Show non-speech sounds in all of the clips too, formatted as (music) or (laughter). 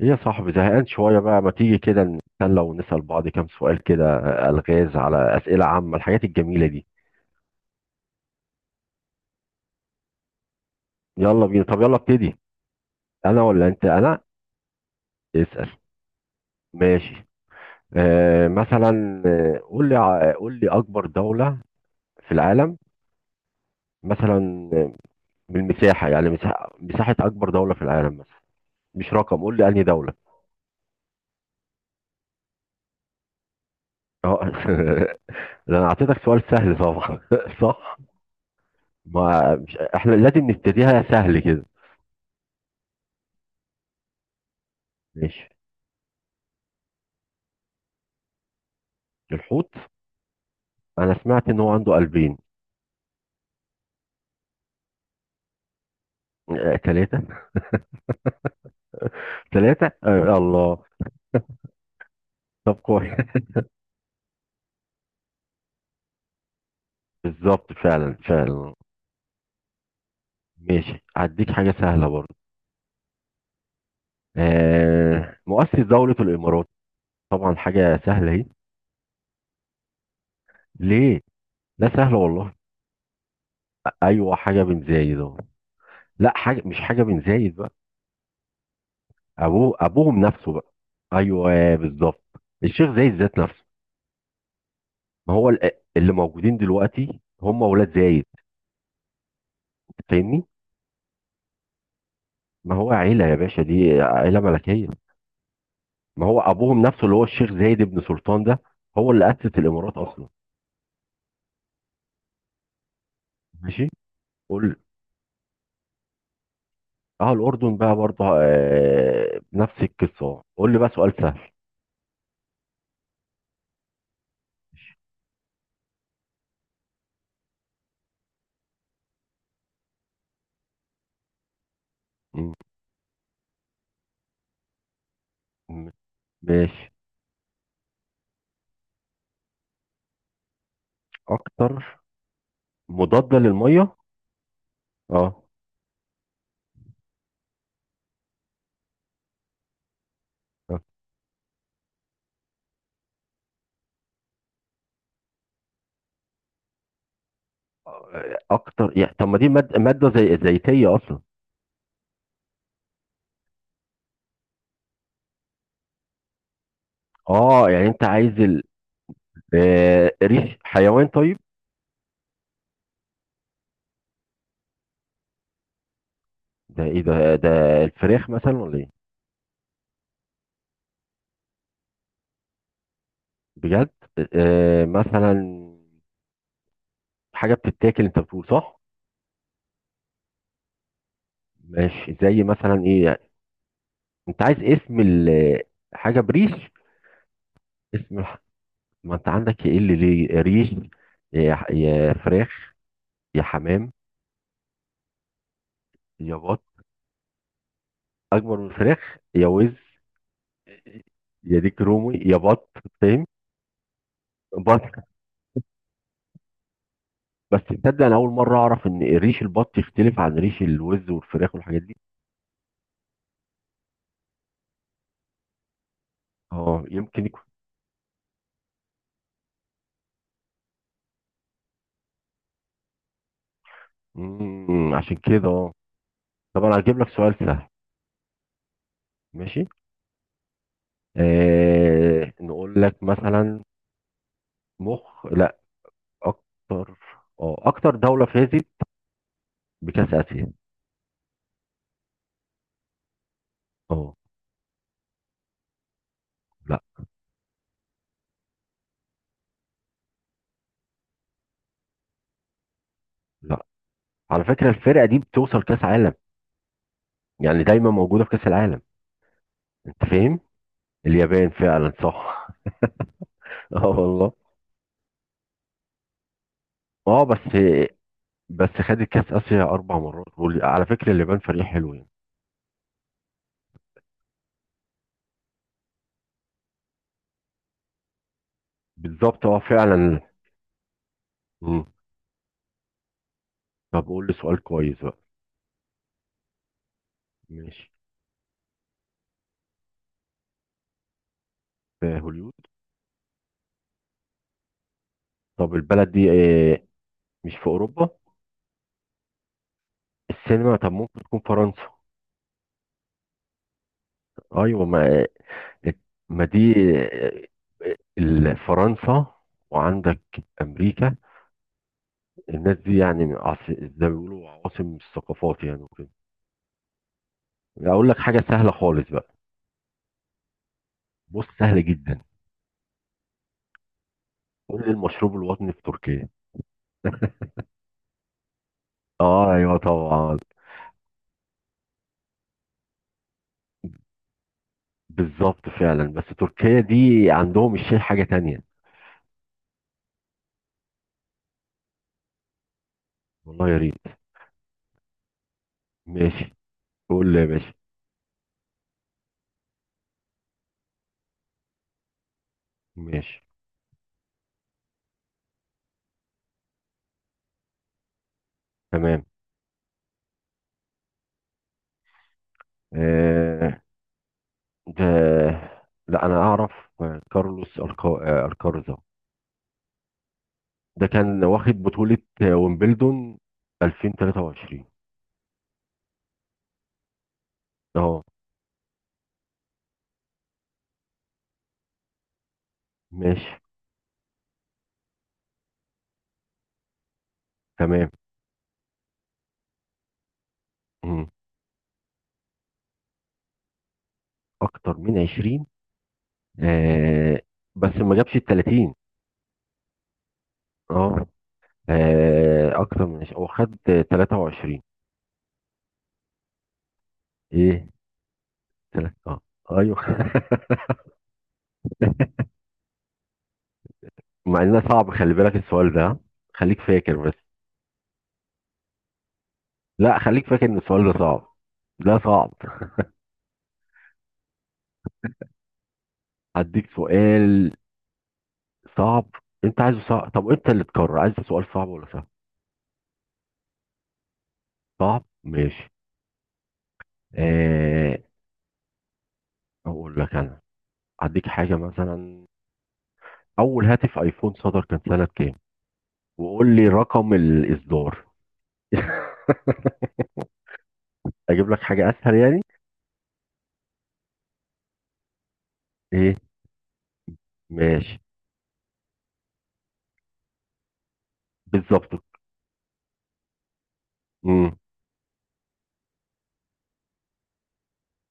ايه يا صاحبي، زهقان شوية بقى. ما تيجي كده نتسلى ونسأل بعض كام سؤال كده؟ ألغاز، على أسئلة عامة، الحاجات الجميلة دي. يلا بينا. طب يلا ابتدي. أنا ولا أنت؟ أنا. اسأل. ماشي. آه مثلا آه، قول لي قول لي أكبر دولة في العالم مثلا. بالمساحة يعني، مساحة، أكبر دولة في العالم مثلا. مش رقم، قول لي أنهي دولة. اه (laughs) ده أنا أعطيتك سؤال سهل طبعا (laughs) صح. ما مش احنا لازم نبتديها سهل كده؟ ماشي. الحوت. انا سمعت ان هو عنده قلبين. ثلاثة. ثلاثة. الله. طب كويس. (laughs) بالظبط، فعلا فعلا. ماشي، هديك حاجة سهلة برضه. آه، مؤسس دولة الامارات. طبعا حاجة سهلة اهي. ليه؟ لا سهلة والله. ايوه حاجة بن زايد اهو. لا حاجة، مش حاجة بن زايد بقى، ابوه، ابوهم نفسه بقى. ايوه بالظبط، الشيخ زايد ذات نفسه. ما هو ال- اللي موجودين دلوقتي هم اولاد زايد، فاهمني؟ ما هو عيلة يا باشا، دي عيلة ملكية. ما هو ابوهم نفسه اللي هو الشيخ زايد بن سلطان ده، هو اللي اسس الامارات اصلا. ماشي. قول لي. اه الاردن بقى برضه نفس القصه أهو. قول لي بقى سؤال سهل. م- م- ماشي. اكتر مضاده للميه؟ اه. آه. اكتر يعني؟ طب ما دي ماده، ماده زي زيتيه اصلا. اه يعني انت عايز ريش حيوان طيب. ده ايه ده؟ الفراخ مثلا ولا ايه؟ بجد؟ مثلا حاجه بتتاكل انت بتقول، صح؟ ماشي، زي مثلا ايه يعني؟ انت عايز اسم حاجه بريش. اسم الح- ما انت عندك ايه اللي ليه ريش؟ يا فراخ، يا حمام، يا بط. اكبر من فراخ، يا وز، يا ديك رومي، يا بط، فاهم. بط. بس تصدق انا اول مره اعرف ان ريش البط يختلف عن ريش الوز والفراخ والحاجات دي. اه يمكن يكون. مم، عشان كده، اه. طب انا هجيب لك سؤال سهل. ماشي. آه، نقول لك مثلا، مخ، اكتر، اه اكتر دولة فازت بكأس آسيا. اه. لا. لا، على فكرة الفرقة دي بتوصل كأس عالم، يعني دايما موجودة في كأس العالم، انت فاهم. اليابان، فعلا صح. (laughs) اه والله. اه بس. بس خدت كأس آسيا اربع مرات، وعلى فكرة اليابان فريق حلو يعني. بالظبط، اه فعلا. مم. طب قول لي سؤال كويس بقى. ماشي. في هوليود. طب البلد دي مش في اوروبا؟ السينما. طب ممكن تكون فرنسا. ايوه ما، دي آه، فرنسا، وعندك امريكا، الناس دي يعني من زي ما بيقولوا عواصم الثقافات يعني وكده. اقول لك حاجه سهله خالص بقى. بص، سهله جدا. قول لي المشروب الوطني في تركيا. اه ايوه طبعا. بالظبط، فعلا. بس تركيا دي عندهم الشاي حاجه تانية. والله يا ريت. ماشي. قول لي يا باشا. ماشي. تمام. آه. ده لا انا اعرف. آه، كارلوس الكارزا، ده كان واخد بطولة ويمبلدون 2023. اه ماشي تمام. مم. اكتر من 20. آه بس ما جابش ال 30. اه آه، اكتر من 20، هو خد 23. ايه؟ تلات، اه. ايوه (laughs) مع انه صعب، خلي بالك السؤال ده، خليك فاكر بس. لا خليك فاكر ان السؤال ده صعب، ده صعب. هديك سؤال صعب. انت عايزه صعب؟ طب انت اللي تقرر، عايز سؤال صعب ولا سهل؟ صعب، ماشي. آه، اقول لك انا، هديك حاجه مثلا، اول هاتف ايفون صدر كان سنه كام؟ وقول لي رقم الاصدار. (laughs) اجيب لك حاجه اسهل يعني؟ ايه؟ ماشي. بالظبط. امم.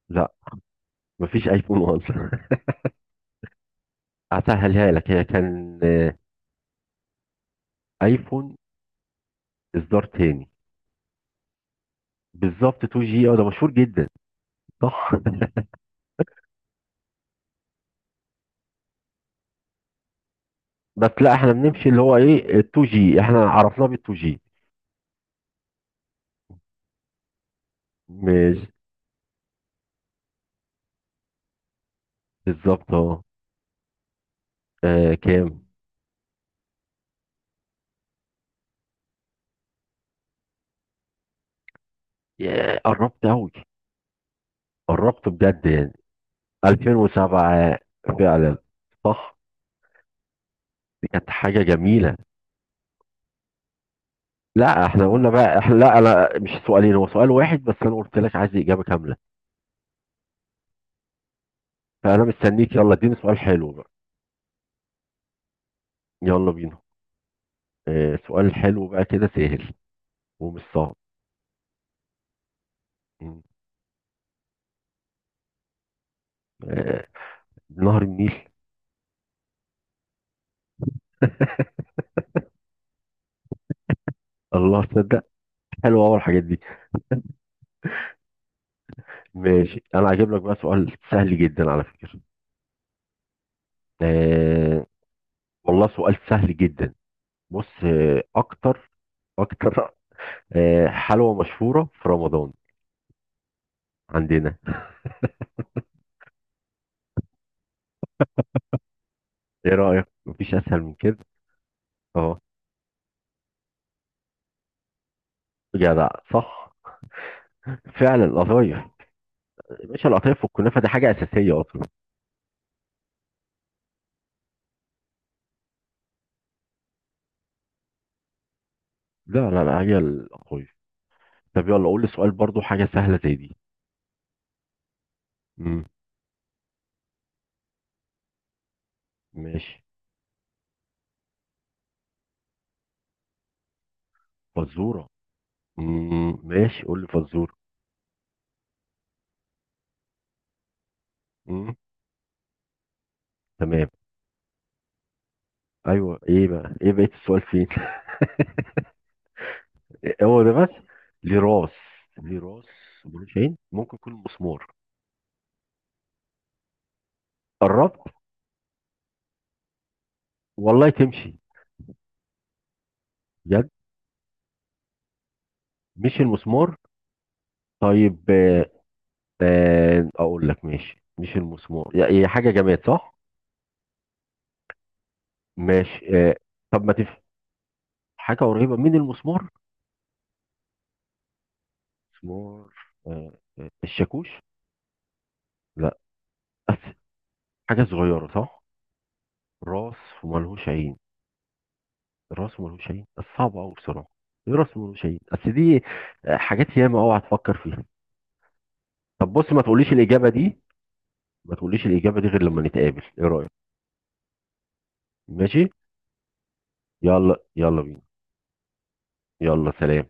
لا، مفيش ايفون اصلا. (laughs) هسهلها لك. هي كان ايفون اصدار تاني. بالظبط، 2 جي، اه ده مشهور جدا، صح. (laughs) بس لا احنا بنمشي اللي هو ايه 2 جي، احنا عرفناه بال 2 جي. ماشي. بالظبط، اه. كام؟ قربت قوي، قربت بجد يعني. 2007. فعلا صح. دي كانت حاجة جميلة. لا احنا قلنا بقى، احنا لا انا مش سؤالين، هو سؤال واحد، بس انا قلت لك عايز إجابة كاملة. فانا مستنيك، يلا اديني سؤال حلو بقى. يلا بينا. اه سؤال حلو بقى كده، سهل ومش صعب. م. اه، نهر النيل. الله تصدق، حلوة اول الحاجات دي. ماشي انا هجيب لك بقى سؤال سهل جدا على فكرة. اه والله سؤال سهل جدا. بص، اكتر، اكتر اه حلوة مشهورة في رمضان عندنا. ايه رأيك، مفيش اسهل من كده. اهو. جدع، صح، فعلا القطايف. يا باشا القطايف والكنافة دي حاجة أساسية أصلا. لا لا لا، هي القطايف. طب يلا قول لي سؤال برضو حاجة سهلة زي دي. امم ماشي، فزورة. ماشي، قول لي فزورة. امم. تمام. أيوه إيه بقى، إيه بقية السؤال فين؟ (laughs) هو ده بس؟ ليه راس؟ ليه راس ملوش عين، ممكن يكون مسمار. قربت. والله تمشي. بجد؟ مش المسمار. طيب. آه، اقول لك، ماشي مش المسمار، هي حاجه جماد صح. ماشي. آه، طب ما تف حاجه قريبه من المسمار. مسمار. الشاكوش. لا. (laughs) أس... حاجه صغيره، صح. راس وملهوش عين. راس وملهوش عين، بس صعبه قوي بصراحه. إيه راس وملهوش عين بس دي؟ آه، حاجات ياما، اوعى تفكر فيها. طب بص، ما تقوليش الاجابه دي، ما تقوليش الاجابه دي غير لما نتقابل، ايه رايك؟ ماشي. يلا، يلا بينا. يلا سلام.